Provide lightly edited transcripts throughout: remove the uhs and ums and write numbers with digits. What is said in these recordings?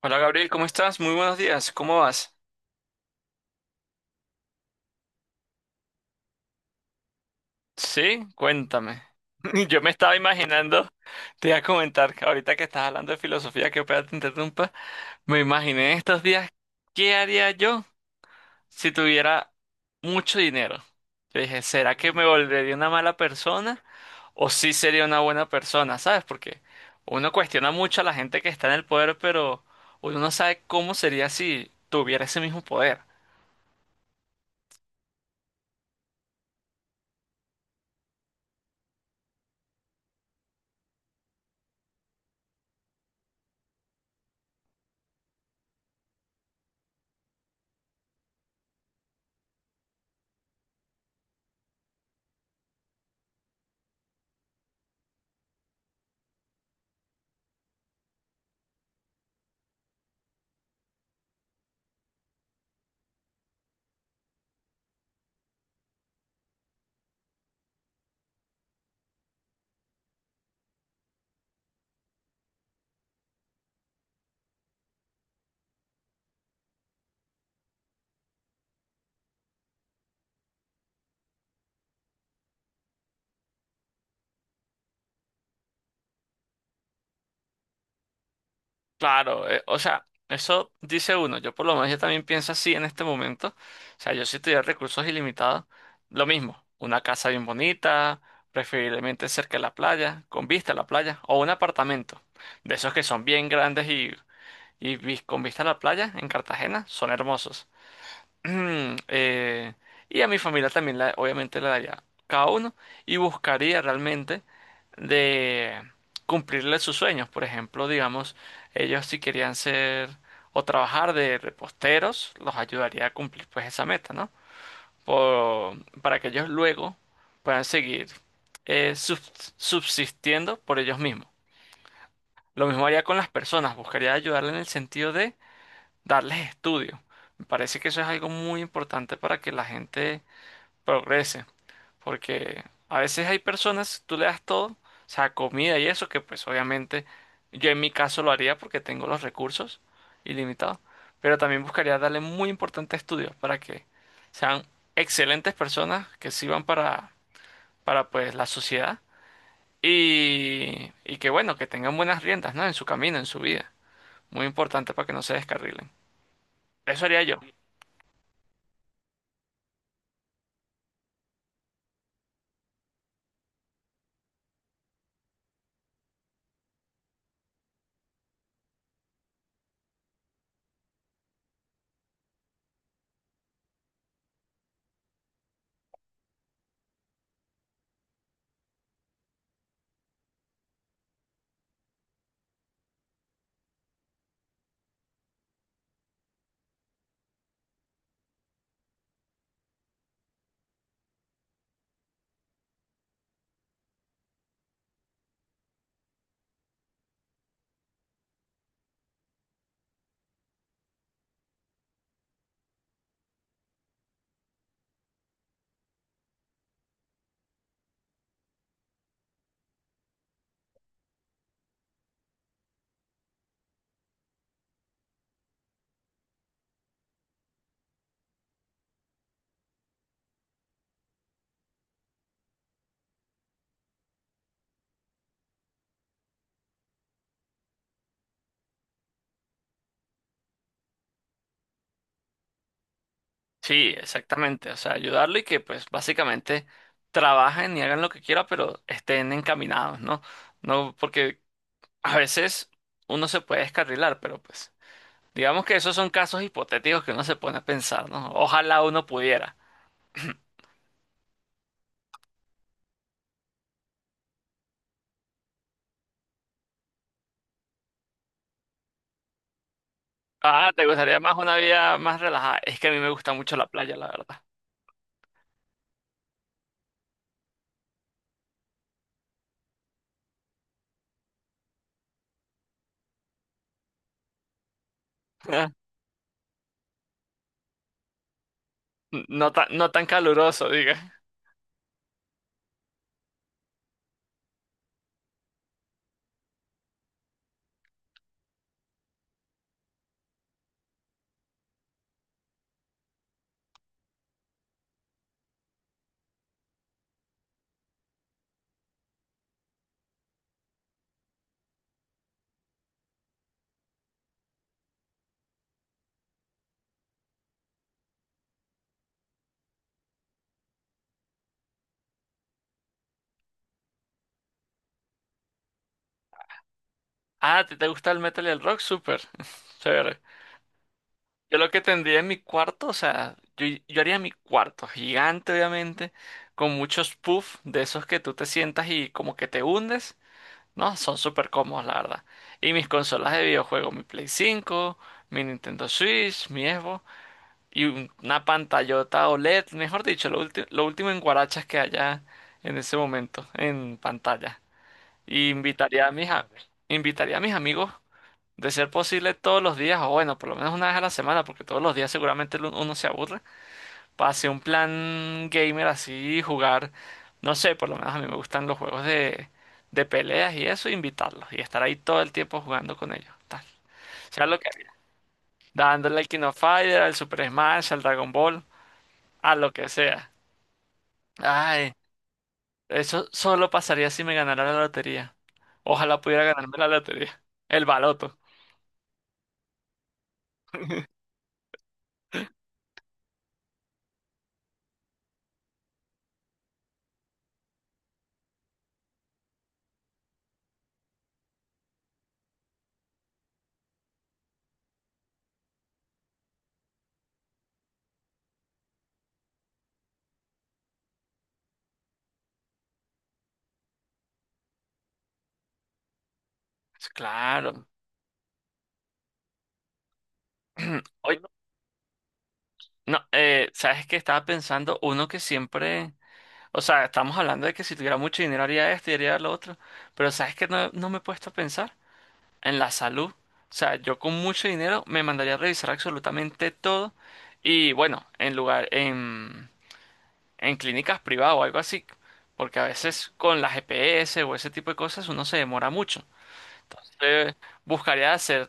Hola Gabriel, ¿cómo estás? Muy buenos días, ¿cómo vas? Sí, cuéntame. Yo me estaba imaginando, te iba a comentar que ahorita que estás hablando de filosofía, que ojalá te interrumpa, me imaginé estos días, ¿qué haría yo si tuviera mucho dinero? Yo dije, ¿será que me volvería una mala persona o sí sería una buena persona? ¿Sabes? Porque uno cuestiona mucho a la gente que está en el poder, pero uno no sabe cómo sería si tuviera ese mismo poder. Claro, o sea, eso dice uno. Yo por lo menos yo también pienso así en este momento. O sea, yo si tuviera recursos ilimitados, lo mismo, una casa bien bonita, preferiblemente cerca de la playa, con vista a la playa, o un apartamento. De esos que son bien grandes y con vista a la playa en Cartagena, son hermosos. Mm, y a mi familia también, obviamente, la daría cada uno y buscaría realmente de cumplirle sus sueños. Por ejemplo, digamos, ellos si querían ser o trabajar de reposteros, los ayudaría a cumplir pues esa meta, ¿no? Para que ellos luego puedan seguir subsistiendo por ellos mismos. Lo mismo haría con las personas, buscaría ayudarle en el sentido de darles estudio. Me parece que eso es algo muy importante para que la gente progrese, porque a veces hay personas, tú le das todo, o sea, comida y eso, que pues obviamente yo en mi caso lo haría porque tengo los recursos ilimitados, pero también buscaría darle muy importante estudio para que sean excelentes personas que sirvan para pues la sociedad y que bueno, que tengan buenas riendas, ¿no? En su camino, en su vida. Muy importante para que no se descarrilen. Eso haría yo. Sí, exactamente. O sea, ayudarlo y que pues básicamente trabajen y hagan lo que quieran, pero estén encaminados, ¿no? No, porque a veces uno se puede descarrilar, pero pues digamos que esos son casos hipotéticos que uno se pone a pensar, ¿no? Ojalá uno pudiera. Ah, ¿te gustaría más una vida más relajada? Es que a mí me gusta mucho la playa, la verdad. No tan, no tan caluroso, diga. Ah, ¿te, te gusta el metal y el rock? Súper. Chévere. Yo lo que tendría en mi cuarto, o sea, yo haría mi cuarto gigante, obviamente, con muchos puffs de esos que tú te sientas y como que te hundes, ¿no? Son súper cómodos, la verdad. Y mis consolas de videojuego, mi Play 5, mi Nintendo Switch, mi Xbox y una pantallota OLED, mejor dicho, lo último en guarachas que haya en ese momento en pantalla. Y invitaría a mis amigos de ser posible todos los días, o bueno, por lo menos una vez a la semana, porque todos los días seguramente uno se aburre, para hacer un plan gamer así, jugar, no sé, por lo menos a mí me gustan los juegos de peleas y eso, invitarlos y estar ahí todo el tiempo jugando con ellos, tal. Sea lo que sea, dándole al King of Fighter, al Super Smash, al Dragon Ball, a lo que sea. Ay, eso solo pasaría si me ganara la lotería. Ojalá pudiera ganarme la lotería. El baloto. Claro. Oye, no, sabes que estaba pensando uno que siempre, o sea, estamos hablando de que si tuviera mucho dinero haría esto y haría lo otro, pero sabes que no, me he puesto a pensar en la salud. O sea, yo con mucho dinero me mandaría a revisar absolutamente todo y bueno, en clínicas privadas o algo así, porque a veces con la GPS o ese tipo de cosas uno se demora mucho. Entonces, buscaría hacer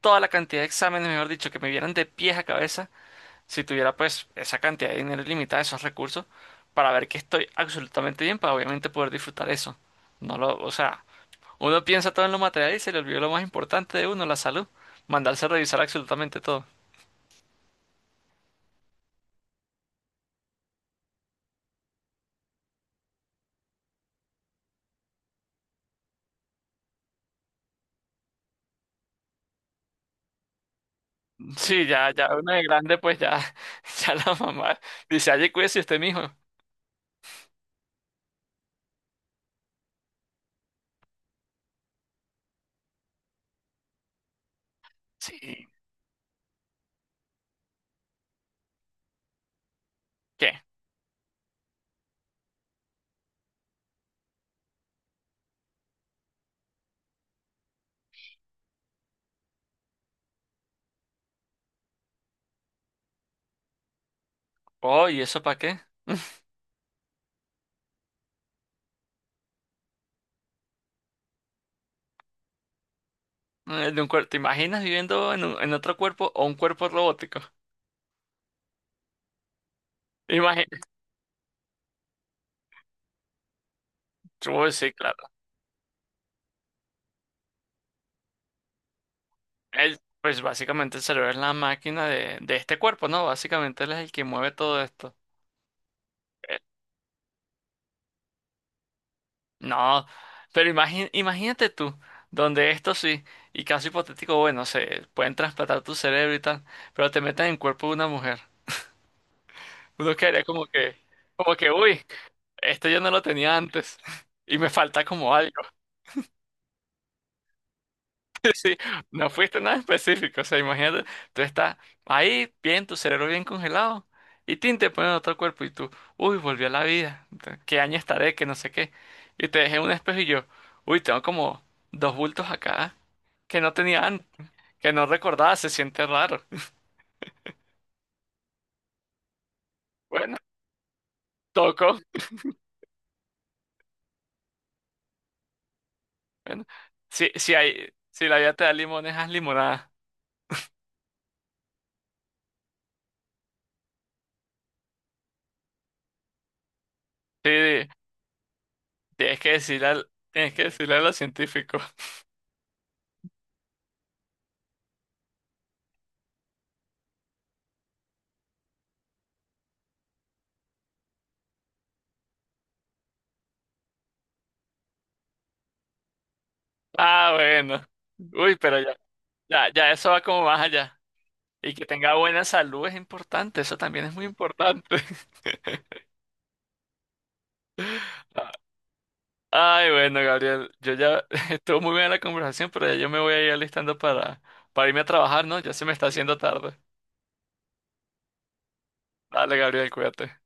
toda la cantidad de exámenes, mejor dicho, que me vieran de pies a cabeza si tuviera pues esa cantidad de dinero ilimitada, esos recursos, para ver que estoy absolutamente bien, para obviamente poder disfrutar eso. No lo, o sea, uno piensa todo en lo material y se le olvidó lo más importante de uno, la salud. Mandarse a revisar absolutamente todo. Sí, ya uno de grande, pues ya, ya la mamá dice, ay cuídese usted mijo. Sí. ¿Qué? Oh, ¿y eso para qué? De un cuerpo, ¿te imaginas viviendo en otro cuerpo o un cuerpo robótico? Imagínate. El pues básicamente el cerebro es la máquina de este cuerpo, ¿no? Básicamente él es el que mueve todo esto. Eh, No, pero imagínate tú, donde esto sí, y caso hipotético, bueno, se pueden trasplantar tu cerebro y tal, pero te meten en el cuerpo de una mujer. Uno quedaría como que, uy, esto yo no lo tenía antes y me falta como algo. Sí, no fuiste nada específico, o sea, imagínate, tú estás ahí, bien, tu cerebro bien congelado, y tin, te ponen otro cuerpo, y tú, uy, volví a la vida, qué año estaré, que no sé qué, y te dejé en un espejo y yo, uy, tengo como dos bultos acá, que no tenía antes, que no recordaba, se siente raro. Bueno, toco, bueno, si hay, si la vida te da limones, haz limonada, sí, tienes que decirle a los científicos, ah, bueno, uy, pero ya, ya eso va como más allá. Y que tenga buena salud es importante, eso también es muy importante. Ay, bueno, Gabriel, yo ya estuvo muy bien la conversación, pero ya yo me voy a ir alistando para irme a trabajar, ¿no? Ya se me está haciendo tarde. Dale, Gabriel, cuídate.